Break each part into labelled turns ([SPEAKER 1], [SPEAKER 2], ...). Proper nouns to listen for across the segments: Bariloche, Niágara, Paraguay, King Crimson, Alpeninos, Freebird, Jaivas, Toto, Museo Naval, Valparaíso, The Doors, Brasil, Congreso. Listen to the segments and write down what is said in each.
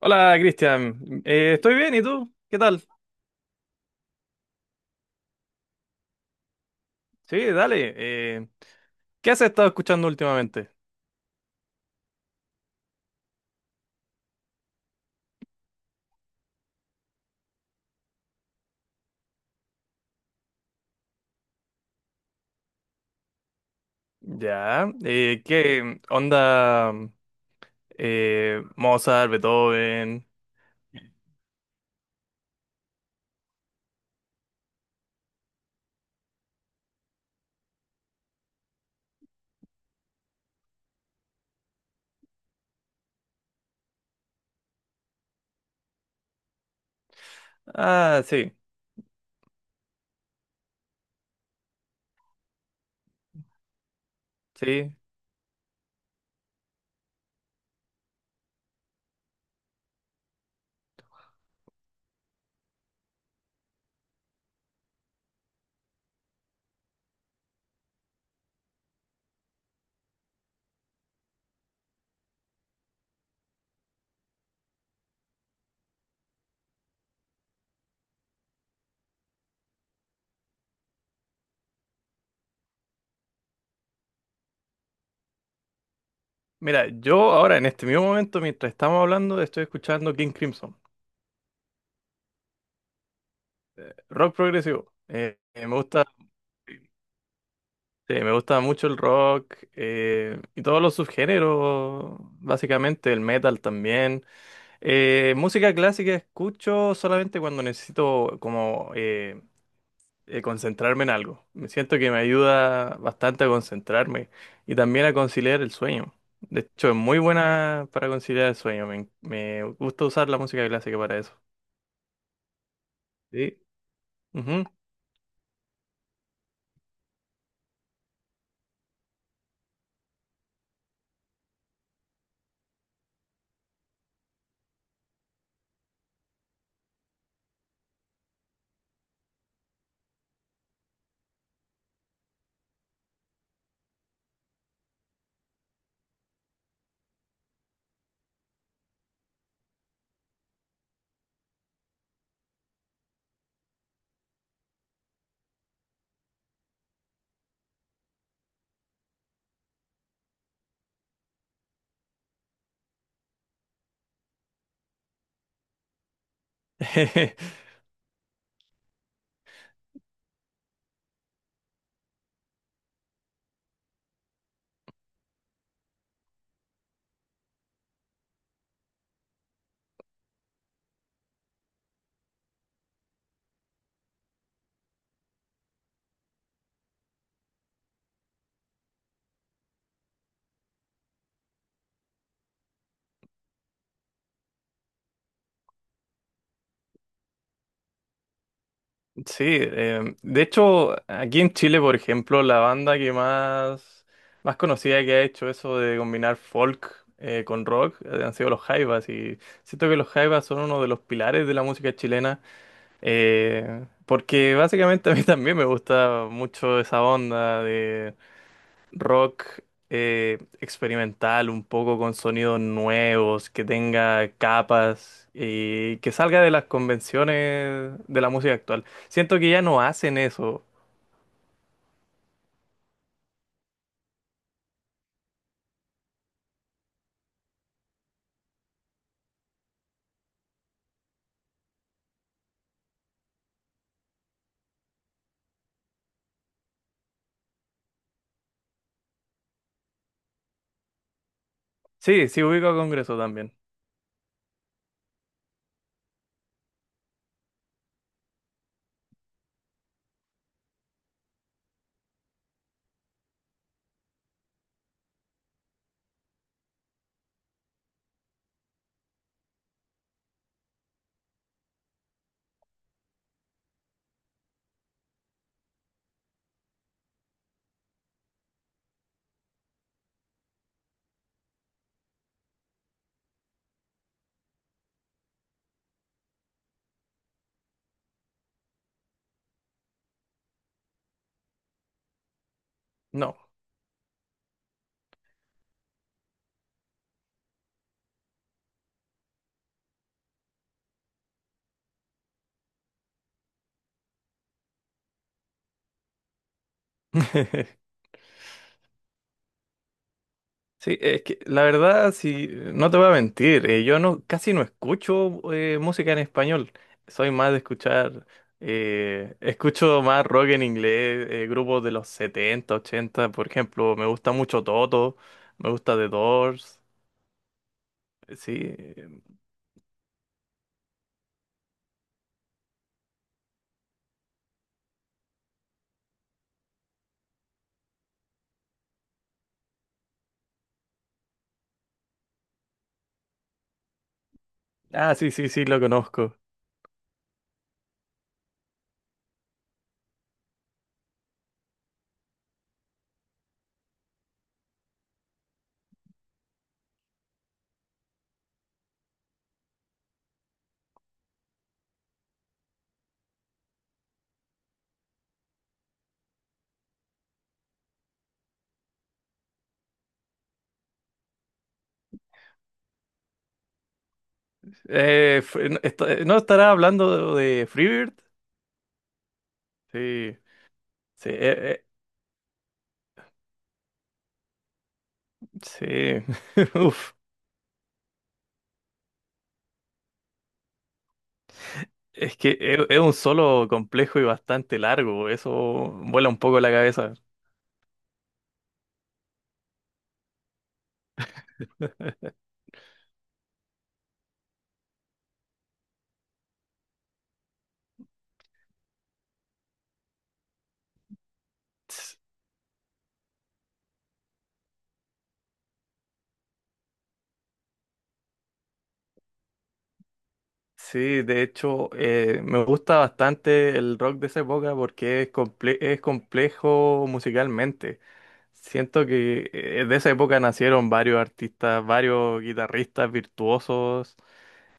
[SPEAKER 1] Hola, Cristian. Estoy bien, ¿y tú? ¿Qué tal? Sí, dale. ¿Qué has estado escuchando últimamente? Ya. ¿Qué onda? Mozart, Beethoven. Ah, sí, sí. Mira, yo ahora en este mismo momento, mientras estamos hablando, estoy escuchando King Crimson, rock progresivo. Me gusta, sí, me gusta mucho el rock y todos los subgéneros, básicamente el metal también. Música clásica escucho solamente cuando necesito como concentrarme en algo. Me siento que me ayuda bastante a concentrarme y también a conciliar el sueño. De hecho, es muy buena para conciliar el sueño. Me gusta usar la música clásica para eso. Sí. Ujú. Sí, de hecho, aquí en Chile, por ejemplo, la banda más conocida que ha hecho eso de combinar folk con rock han sido los Jaivas, y siento que los Jaivas son uno de los pilares de la música chilena porque básicamente a mí también me gusta mucho esa onda rock experimental, un poco con sonidos nuevos, que tenga capas y que salga de las convenciones de la música actual. Siento que ya no hacen eso. Sí, sí ubico a Congreso también. No. Sí, es que la verdad, si no te voy a mentir, yo no casi no escucho música en español. Soy más de escuchar, escucho más rock en inglés, grupos de los 70, 80, por ejemplo, me gusta mucho Toto, me gusta The Doors, sí. Ah, sí, sí, sí, lo conozco. ¿No estará hablando de Freebird? Sí, sí, eh, sí. Uf. Es que es un solo complejo y bastante largo, eso vuela un poco la cabeza. S- Sí, de hecho, me gusta bastante el rock de esa época porque es complejo musicalmente. Siento que de esa época nacieron varios artistas, varios guitarristas virtuosos,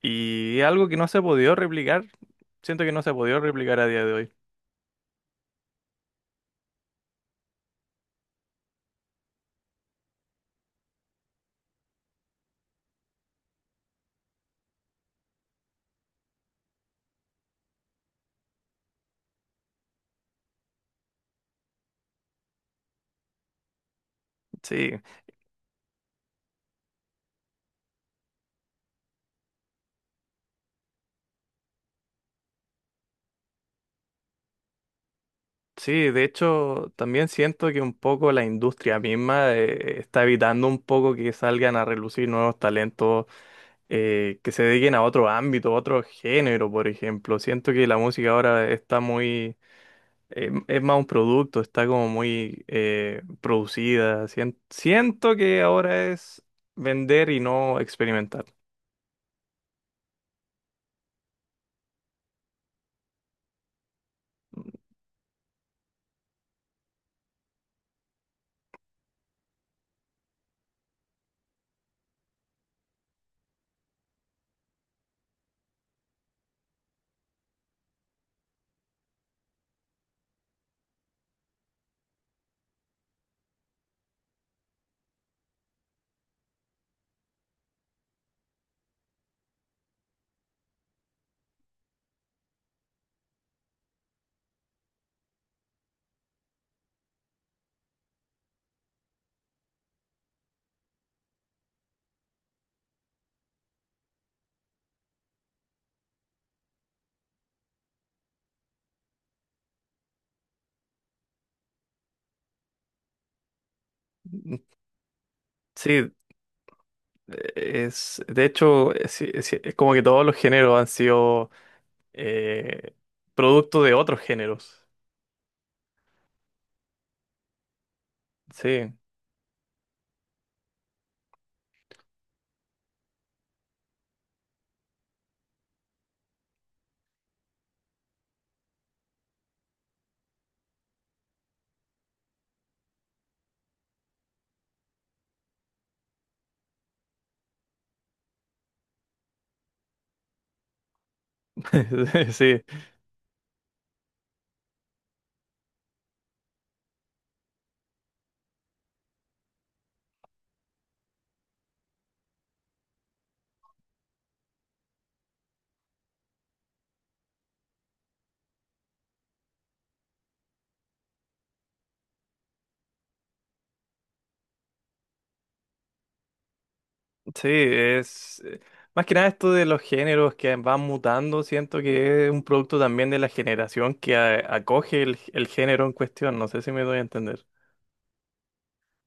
[SPEAKER 1] y es algo que no se ha podido replicar. Siento que no se ha podido replicar a día de hoy. Sí. Sí, de hecho, también siento que un poco la industria misma está evitando un poco que salgan a relucir nuevos talentos que se dediquen a otro ámbito, a otro género, por ejemplo. Siento que la música ahora está es más un producto, está como muy producida. Siento que ahora es vender y no experimentar. Sí, de hecho, es como que todos los géneros han sido eh, producto de otros géneros. Sí, sí, sí, es más que nada esto de los géneros que van mutando, siento que es un producto también de la generación que acoge el género en cuestión, no sé si me doy a entender.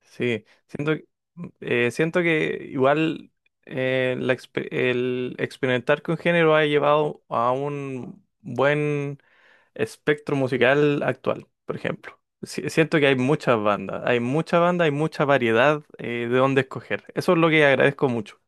[SPEAKER 1] Sí, siento, siento que igual el experimentar con género ha llevado a un buen espectro musical actual, por ejemplo. Siento que hay muchas bandas, hay mucha banda, hay mucha variedad de dónde escoger. Eso es lo que agradezco mucho.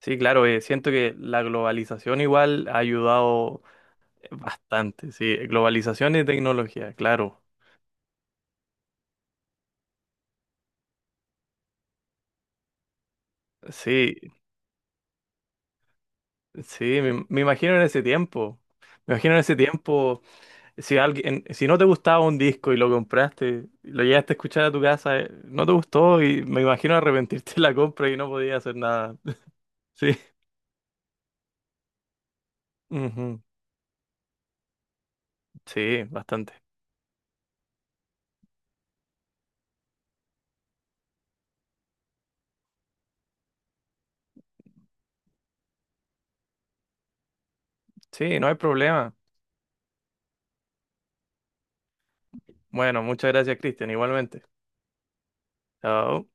[SPEAKER 1] Sí, claro, siento que la globalización igual ha ayudado bastante. Sí, globalización y tecnología, claro. Sí, sí, me imagino en ese tiempo. Me imagino en ese tiempo, si alguien, si no te gustaba un disco y lo compraste, lo llegaste a escuchar a tu casa, no te gustó, y me imagino arrepentirte de la compra y no podías hacer nada. Sí, ujú, sí, bastante. Sí, no hay problema. Bueno, muchas gracias, Cristian, igualmente. Chao.